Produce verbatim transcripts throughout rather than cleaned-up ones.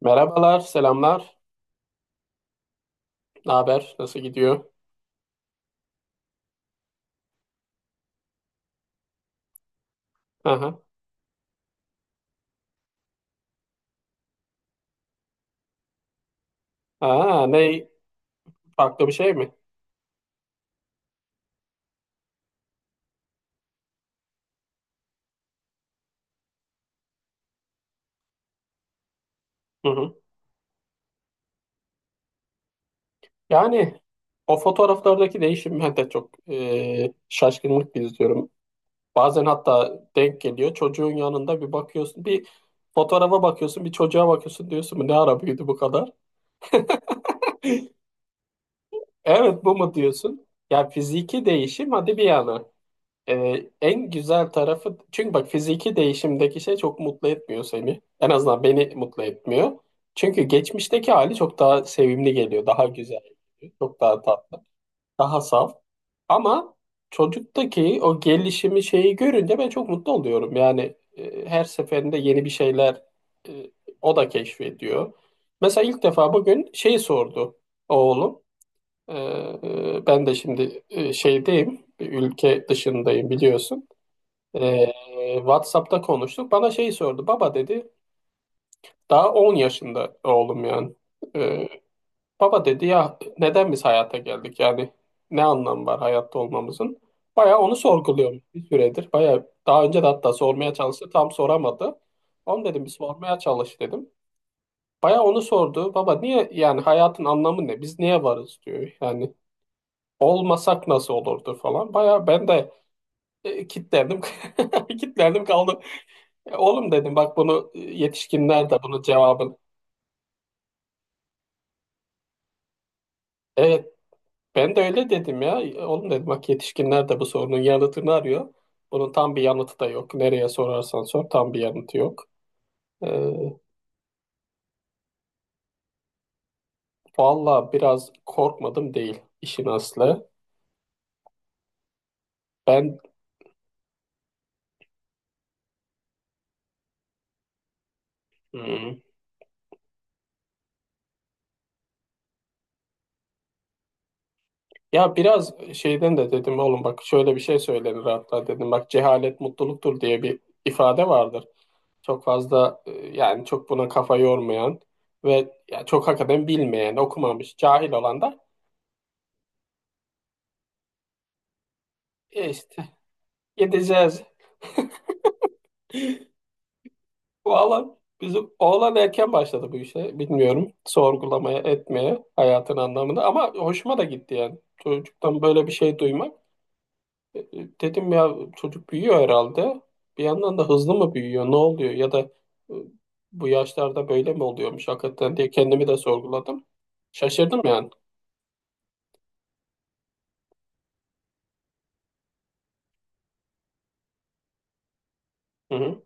Merhabalar, selamlar. Ne haber? Nasıl gidiyor? Aha. Aa, ne? Farklı bir şey mi? Hı hı. Yani o fotoğraflardaki değişim ben de çok e, şaşkınlık izliyorum. Bazen hatta denk geliyor. Çocuğun yanında bir bakıyorsun, bir fotoğrafa bakıyorsun, bir çocuğa bakıyorsun diyorsun. Bu ne ara büyüdü bu kadar? Evet bu mu diyorsun? Ya fiziki değişim hadi bir yana. Ee, en güzel tarafı çünkü bak fiziki değişimdeki şey çok mutlu etmiyor seni. En azından beni mutlu etmiyor. Çünkü geçmişteki hali çok daha sevimli geliyor, daha güzel geliyor, çok daha tatlı, daha saf. Ama çocuktaki o gelişimi şeyi görünce ben çok mutlu oluyorum. Yani e, her seferinde yeni bir şeyler e, o da keşfediyor. Mesela ilk defa bugün şeyi sordu oğlum. Ee, ben de şimdi e, şeydeyim, bir ülke dışındayım biliyorsun. Ee, WhatsApp'ta konuştuk. Bana şey sordu. Baba dedi. Daha on yaşında oğlum yani. Ee, baba dedi ya, neden biz hayata geldik? Yani ne anlam var hayatta olmamızın? Bayağı onu sorguluyorum bir süredir. Bayağı daha önce de hatta sormaya çalıştı. Tam soramadı. Onu dedim bir sormaya çalış dedim. Bayağı onu sordu. Baba niye, yani hayatın anlamı ne? Biz niye varız diyor. Yani olmasak nasıl olurdu falan. Bayağı ben de e, kitlendim. Kitlendim kaldım. E, Oğlum dedim bak bunu e, yetişkinler de bunun cevabını. Evet, ben de öyle dedim ya. E, Oğlum dedim bak yetişkinler de bu sorunun yanıtını arıyor. Bunun tam bir yanıtı da yok. Nereye sorarsan sor tam bir yanıtı yok. E, valla biraz korkmadım değil işin aslı. Ben hmm, ya biraz şeyden de dedim, oğlum bak şöyle bir şey söylenir hatta dedim. Bak cehalet mutluluktur diye bir ifade vardır. Çok fazla e, yani çok buna kafa yormayan ve ya çok hakikaten bilmeyen, okumamış, cahil olan da E işte gideceğiz. Bu alan bizim oğlan erken başladı bu işe. Bilmiyorum sorgulamaya, etmeye hayatın anlamını, ama hoşuma da gitti yani. Çocuktan böyle bir şey duymak. E, e, Dedim ya çocuk büyüyor herhalde. Bir yandan da hızlı mı büyüyor, ne oluyor ya da e, bu yaşlarda böyle mi oluyormuş hakikaten diye kendimi de sorguladım. Şaşırdım yani. Hı hı.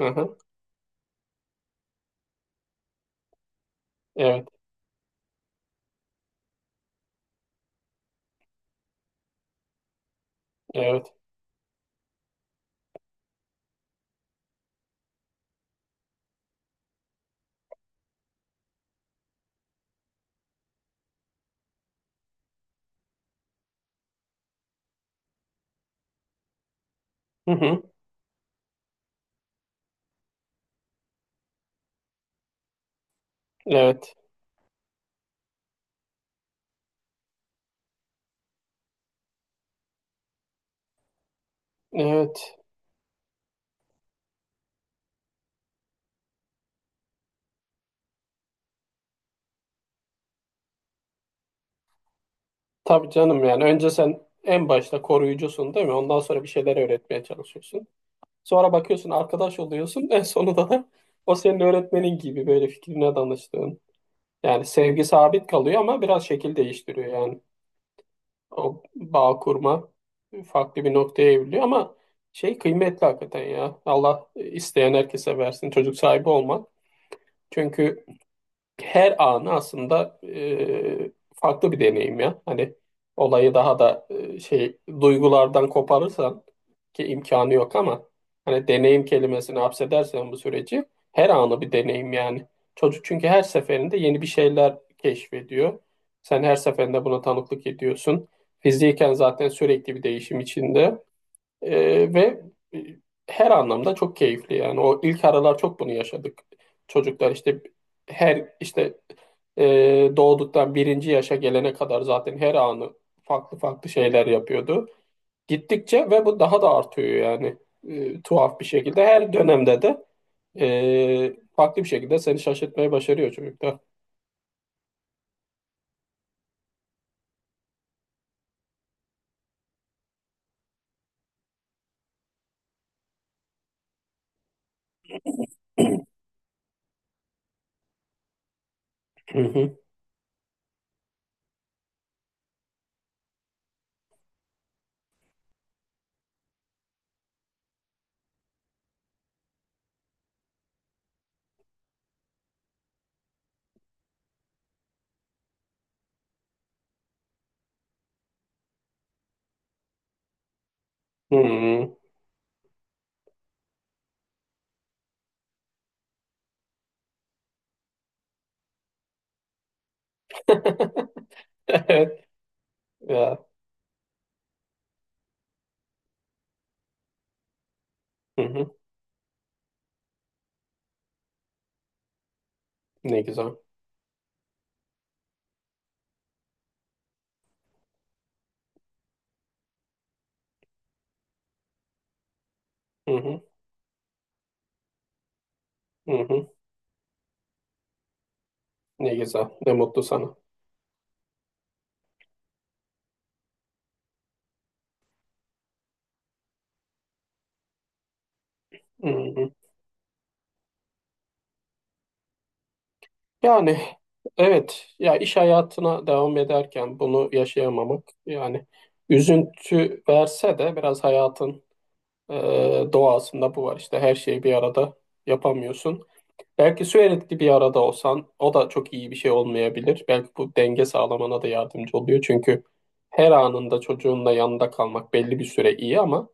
Hı hı. Evet. Evet. Hı hı. Evet. Evet. Tabii canım, yani önce sen en başta koruyucusun, değil mi? Ondan sonra bir şeyler öğretmeye çalışıyorsun. Sonra bakıyorsun arkadaş oluyorsun. En sonunda da o senin öğretmenin gibi, böyle fikrine danıştığın. Yani sevgi sabit kalıyor ama biraz şekil değiştiriyor yani. O bağ kurma farklı bir noktaya evriliyor ama şey kıymetli hakikaten ya. Allah isteyen herkese versin çocuk sahibi olmak. Çünkü her anı aslında e, farklı bir deneyim ya. Hani olayı daha da e, şey, duygulardan koparırsan, ki imkanı yok ama, hani deneyim kelimesini hapsedersen bu süreci, her anı bir deneyim yani. Çocuk çünkü her seferinde yeni bir şeyler keşfediyor. Sen her seferinde buna tanıklık ediyorsun. Fiziken zaten sürekli bir değişim içinde. Ee, ve e, her anlamda çok keyifli yani. O ilk aralar çok bunu yaşadık. Çocuklar işte her işte e, doğduktan birinci yaşa gelene kadar zaten her anı farklı farklı şeyler yapıyordu. Gittikçe ve bu daha da artıyor yani, E, tuhaf bir şekilde. Her dönemde de e, farklı bir şekilde seni şaşırtmayı başarıyor çocuklar. Hı hı. Hı. Evet ya. Hı hı. Ne güzel. Hı hı. Hı hı. Ne güzel. Ne mutlu sana. Hmm. Yani evet ya, iş hayatına devam ederken bunu yaşayamamak yani, üzüntü verse de biraz hayatın e, doğasında bu var işte, her şeyi bir arada yapamıyorsun. Belki sürekli bir arada olsan o da çok iyi bir şey olmayabilir. Belki bu denge sağlamana da yardımcı oluyor. Çünkü her anında çocuğunla yanında kalmak belli bir süre iyi, ama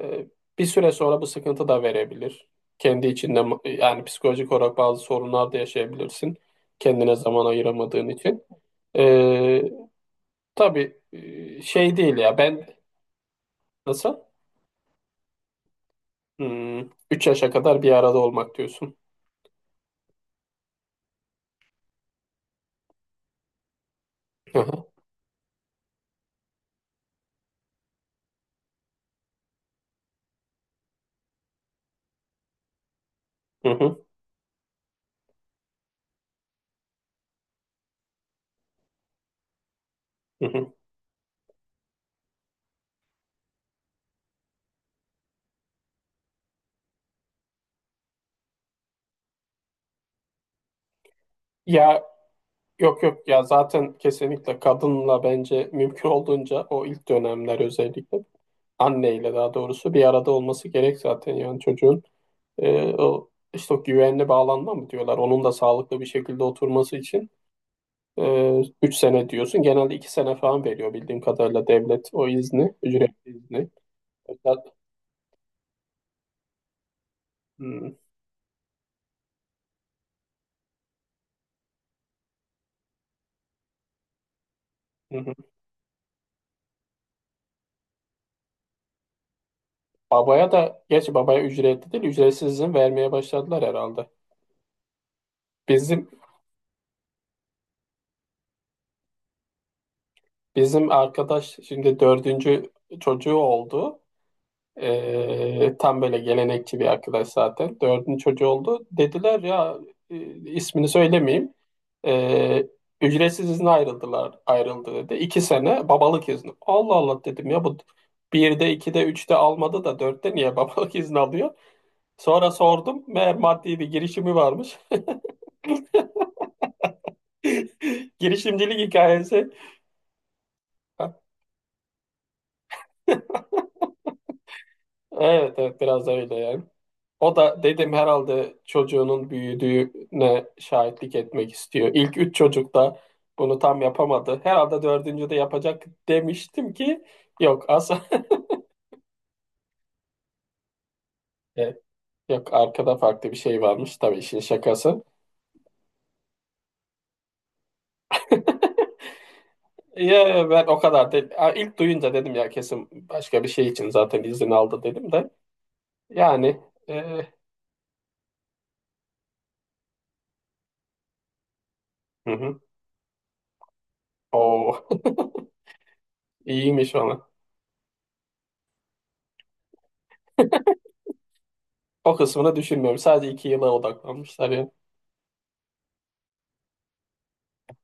Ee, bir süre sonra bu sıkıntı da verebilir. Kendi içinde yani psikolojik olarak bazı sorunlar da yaşayabilirsin. Kendine zaman ayıramadığın için. Ee, tabii e, şey değil ya ben, nasıl? Hmm, üç yaşa kadar bir arada olmak diyorsun. Hı hı, hı hı, hı hı. Ya yok yok, ya zaten kesinlikle kadınla bence mümkün olduğunca o ilk dönemler, özellikle anneyle, daha doğrusu bir arada olması gerek zaten, yani çocuğun. e, o, işte o güvenli bağlanma mı diyorlar. Onun da sağlıklı bir şekilde oturması için e, üç sene diyorsun. Genelde iki sene falan veriyor bildiğim kadarıyla devlet o izni, ücretli izni. Özel- Hmm, hı hı. Babaya da, geç, babaya ücretli değil, ücretsiz izin vermeye başladılar herhalde. Bizim bizim arkadaş şimdi dördüncü çocuğu oldu. Ee, tam böyle gelenekçi bir arkadaş zaten. Dördüncü çocuğu oldu. Dediler ya, e, ismini söylemeyeyim. Ee, ücretsiz izne ayrıldılar. Ayrıldı dedi. İki sene babalık izni. Allah Allah dedim ya, bu birde, ikide, üçte almadı da dörtte niye babalık izni alıyor? Sonra sordum. Meğer maddi bir girişimi varmış. Girişimcilik hikayesi. Evet evet, biraz öyle yani. O da dedim herhalde çocuğunun büyüdüğüne şahitlik etmek istiyor. İlk üç çocuk da bunu tam yapamadı. Herhalde dördüncü de yapacak demiştim ki yok, asla. E, Yok, arkada farklı bir şey varmış, tabii işin şakası. Ya ben o kadar değil. Ha, İlk duyunca dedim ya kesin başka bir şey için zaten izin aldı, dedim de. Yani e, hı hı. Oo, iyiymiş ona. O kısmını düşünmüyorum. Sadece iki yıla odaklanmışlar